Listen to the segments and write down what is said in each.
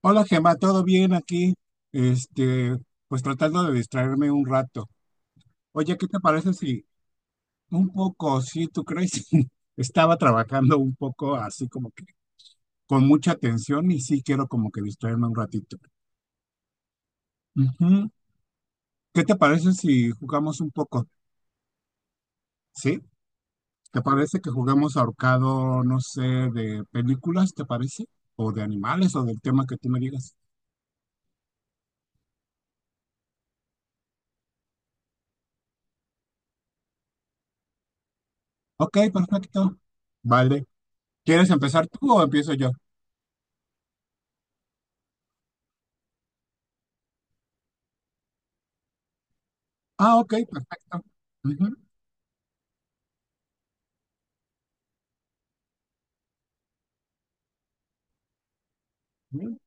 Hola Gemma, ¿todo bien aquí? Este, pues tratando de distraerme un rato. Oye, ¿qué te parece si un poco, sí, tú crees, estaba trabajando un poco así como que con mucha atención y sí quiero como que distraerme un ratito. Ujú. ¿Qué te parece si jugamos un poco? ¿Sí? ¿Te parece que jugamos ahorcado, no sé, de películas, te parece? O de animales o del tema que tú me digas. Ok, perfecto. Vale. ¿Quieres empezar tú o empiezo yo? Ah, ok, perfecto. Ujú, ujú.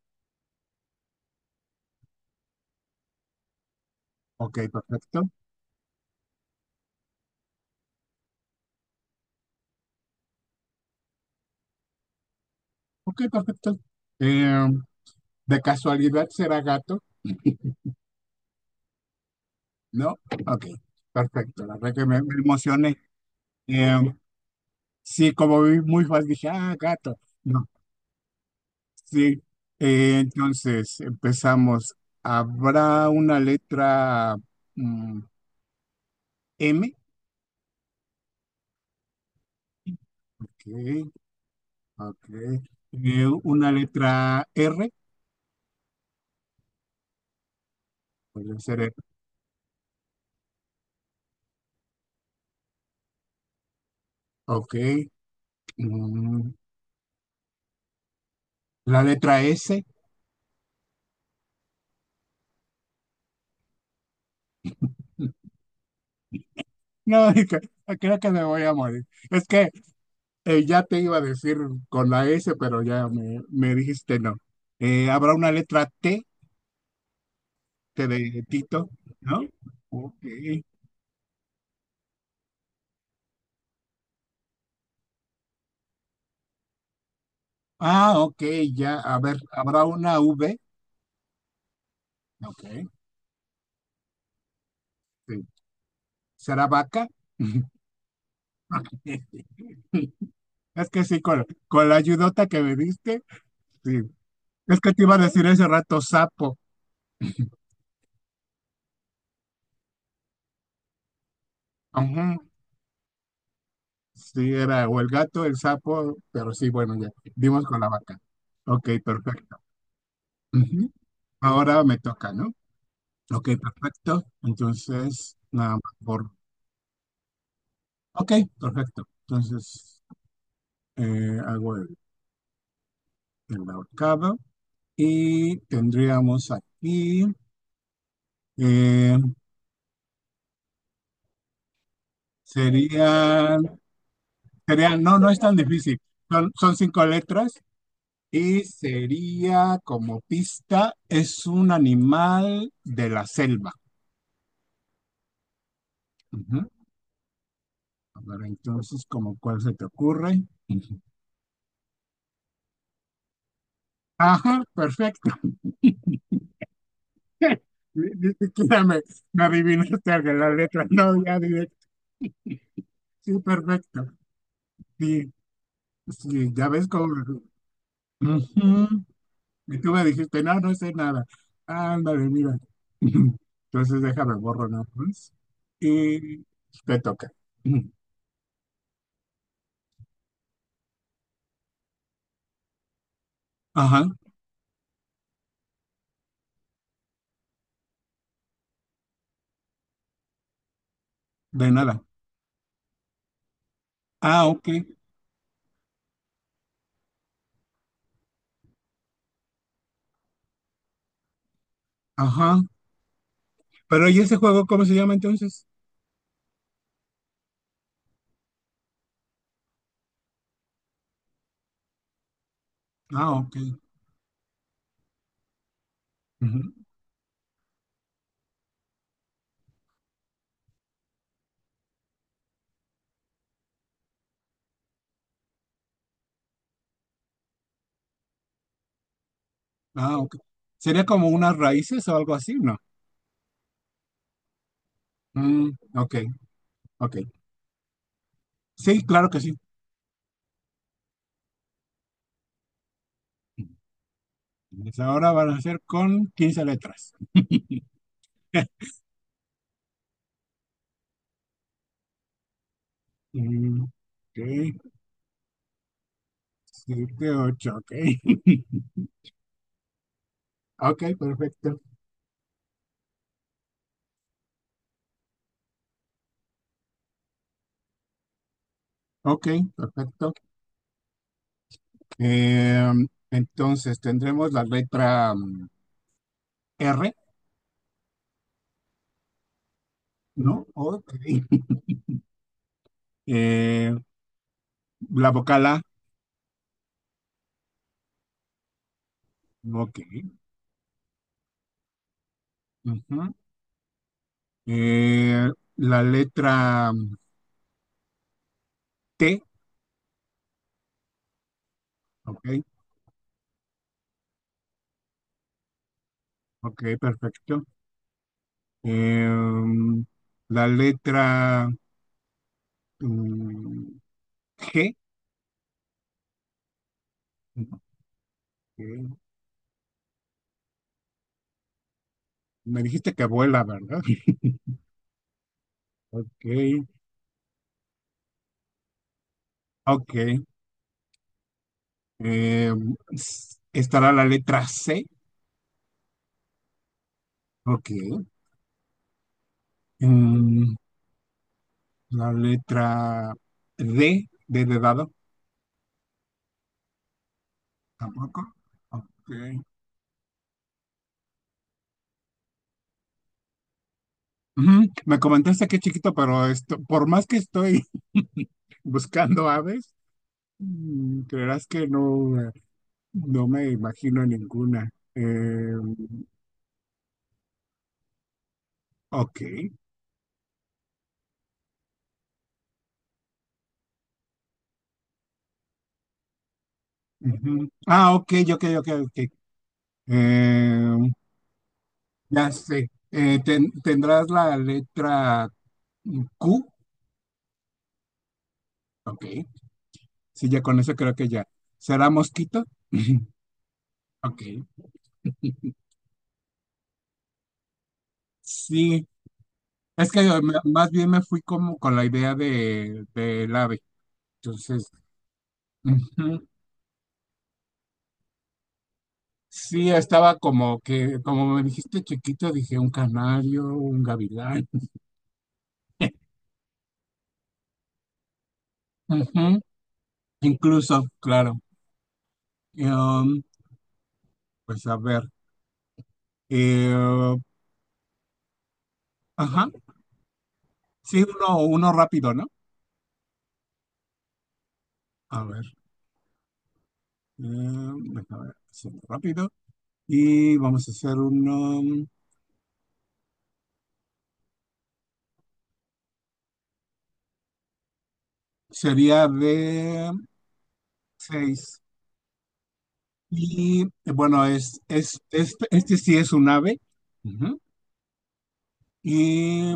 Ok, perfecto. Ok, perfecto. Eh, de casualidad será gato, ¿no? Ok, perfecto. La verdad que me emocioné. Eh, sí, como vi muy fácil, dije, ah, gato. No, sí. Entonces, empezamos. ¿Habrá una letra mm, M? Ok, ok. Una letra R, puede ser R. Ok. Mm, la letra S. No, dije, "Ah, creo que me voy a morir. Es que ya te iba a decir con la S, pero ya me dijiste no. Habrá una letra T, T de Tito, ¿no? Ok. Ah, ok, ya. A ver, habrá una V. Ok, sí. ¿Será vaca? Es que sí, con la ayudota que me diste, sí. Es que te iba a decir ese rato sapo. Ujú. Sí, era o el gato, el sapo, pero sí, bueno, ya dimos con la vaca. Ok, perfecto. Ujú. Ahora me toca, ¿no? Ok, perfecto. Entonces, nada más por... Ok, perfecto. Entonces, hago el ahorcado y tendríamos aquí... eh, serían, serían... No, no es tan difícil. Son, son cinco letras y sería como pista, es un animal de la selva. Ujú. A ver, entonces, ¿como cuál se te ocurre? Ajá, perfecto. Ni siquiera me adivinaste algo, la letra, no, ya directo. Sí, perfecto. Sí, sí, ya ves cómo. Ujú. Y tú me dijiste, no, no sé nada. Ándale, mira. Entonces déjame borro nada más. Y te toca. Ujú. Ajá, de nada. Ah, ok. Ajá. Pero ¿y ese juego cómo se llama entonces? Ah, ok. Ah, ok. Sería como unas raíces o algo así, ¿no? Mm, ok, ok. Sí, claro que sí. Pues ahora van a ser con quince letras. Ok, 7, 8, ok. Ok, perfecto. Ok, perfecto. Eh, entonces tendremos la letra R, ¿no? Ok. Eh, la vocal A, ok. Ujú. Eh, la letra T, ok, ok, perfecto. Em, la letra mm, G. Ok. Me dijiste que vuela, ¿verdad? Ok, ok. Estará la letra C. Ok. Em, la letra D, D de dado. Tampoco. Ok. Ujú. Me comentaste que es chiquito, pero esto, por más que estoy buscando aves, creerás que no, no me imagino ninguna. Em, ok. Ujú. Ah, ok, ok, ok, ok. Eh, ya sé. ¿Tendrás la letra Q? Ok. Sí, ya con eso creo que ya. ¿Será mosquito? Ok. Sí. Es que más bien me fui como con la idea de del ave. Entonces, ujú. Sí, estaba como que, como me dijiste chiquito, dije un canario, un gavilán. Ujú, incluso, claro. Em, pues a ver. Eh, ajá, sí, uno, uno rápido, ¿no? A ver, déjame ver, hacerlo rápido. Y vamos a hacer uno, sería de seis. Y bueno, este sí es un ave. Ujú. Y,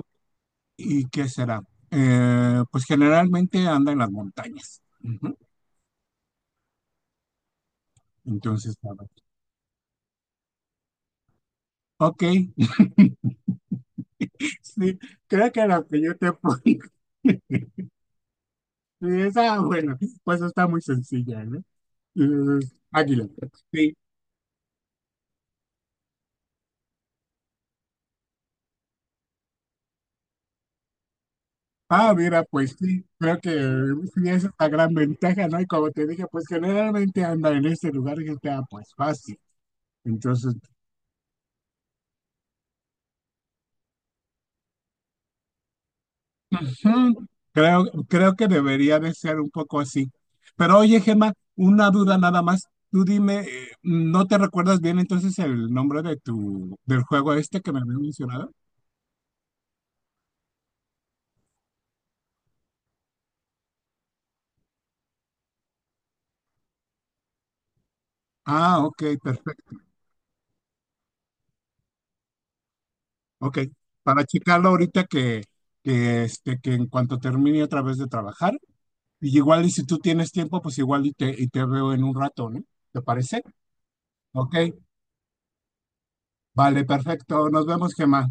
¿Y qué será? Pues generalmente anda en las montañas. Ujú. Entonces, a ver. Ok, sí, creo que lo que yo te pongo. Sí, esa, bueno, pues está muy sencilla, ¿eh? Mm, águila. Sí. Ah, mira, pues sí, creo que sí es una gran ventaja, ¿no? Y como te dije, pues generalmente anda en este lugar que está pues fácil. Entonces, ujú, creo, creo que debería de ser un poco así. Pero oye, Gemma, una duda nada más. Tú dime, ¿no te recuerdas bien entonces el nombre de tu, del juego este que me habías mencionado? Ah, ok, perfecto. Ok, para checarlo ahorita que en cuanto termine otra vez de trabajar. Y igual y si tú tienes tiempo, pues igual y y te veo en un rato, ¿no? ¿Te parece? Ok, vale, perfecto. Nos vemos, Gemma.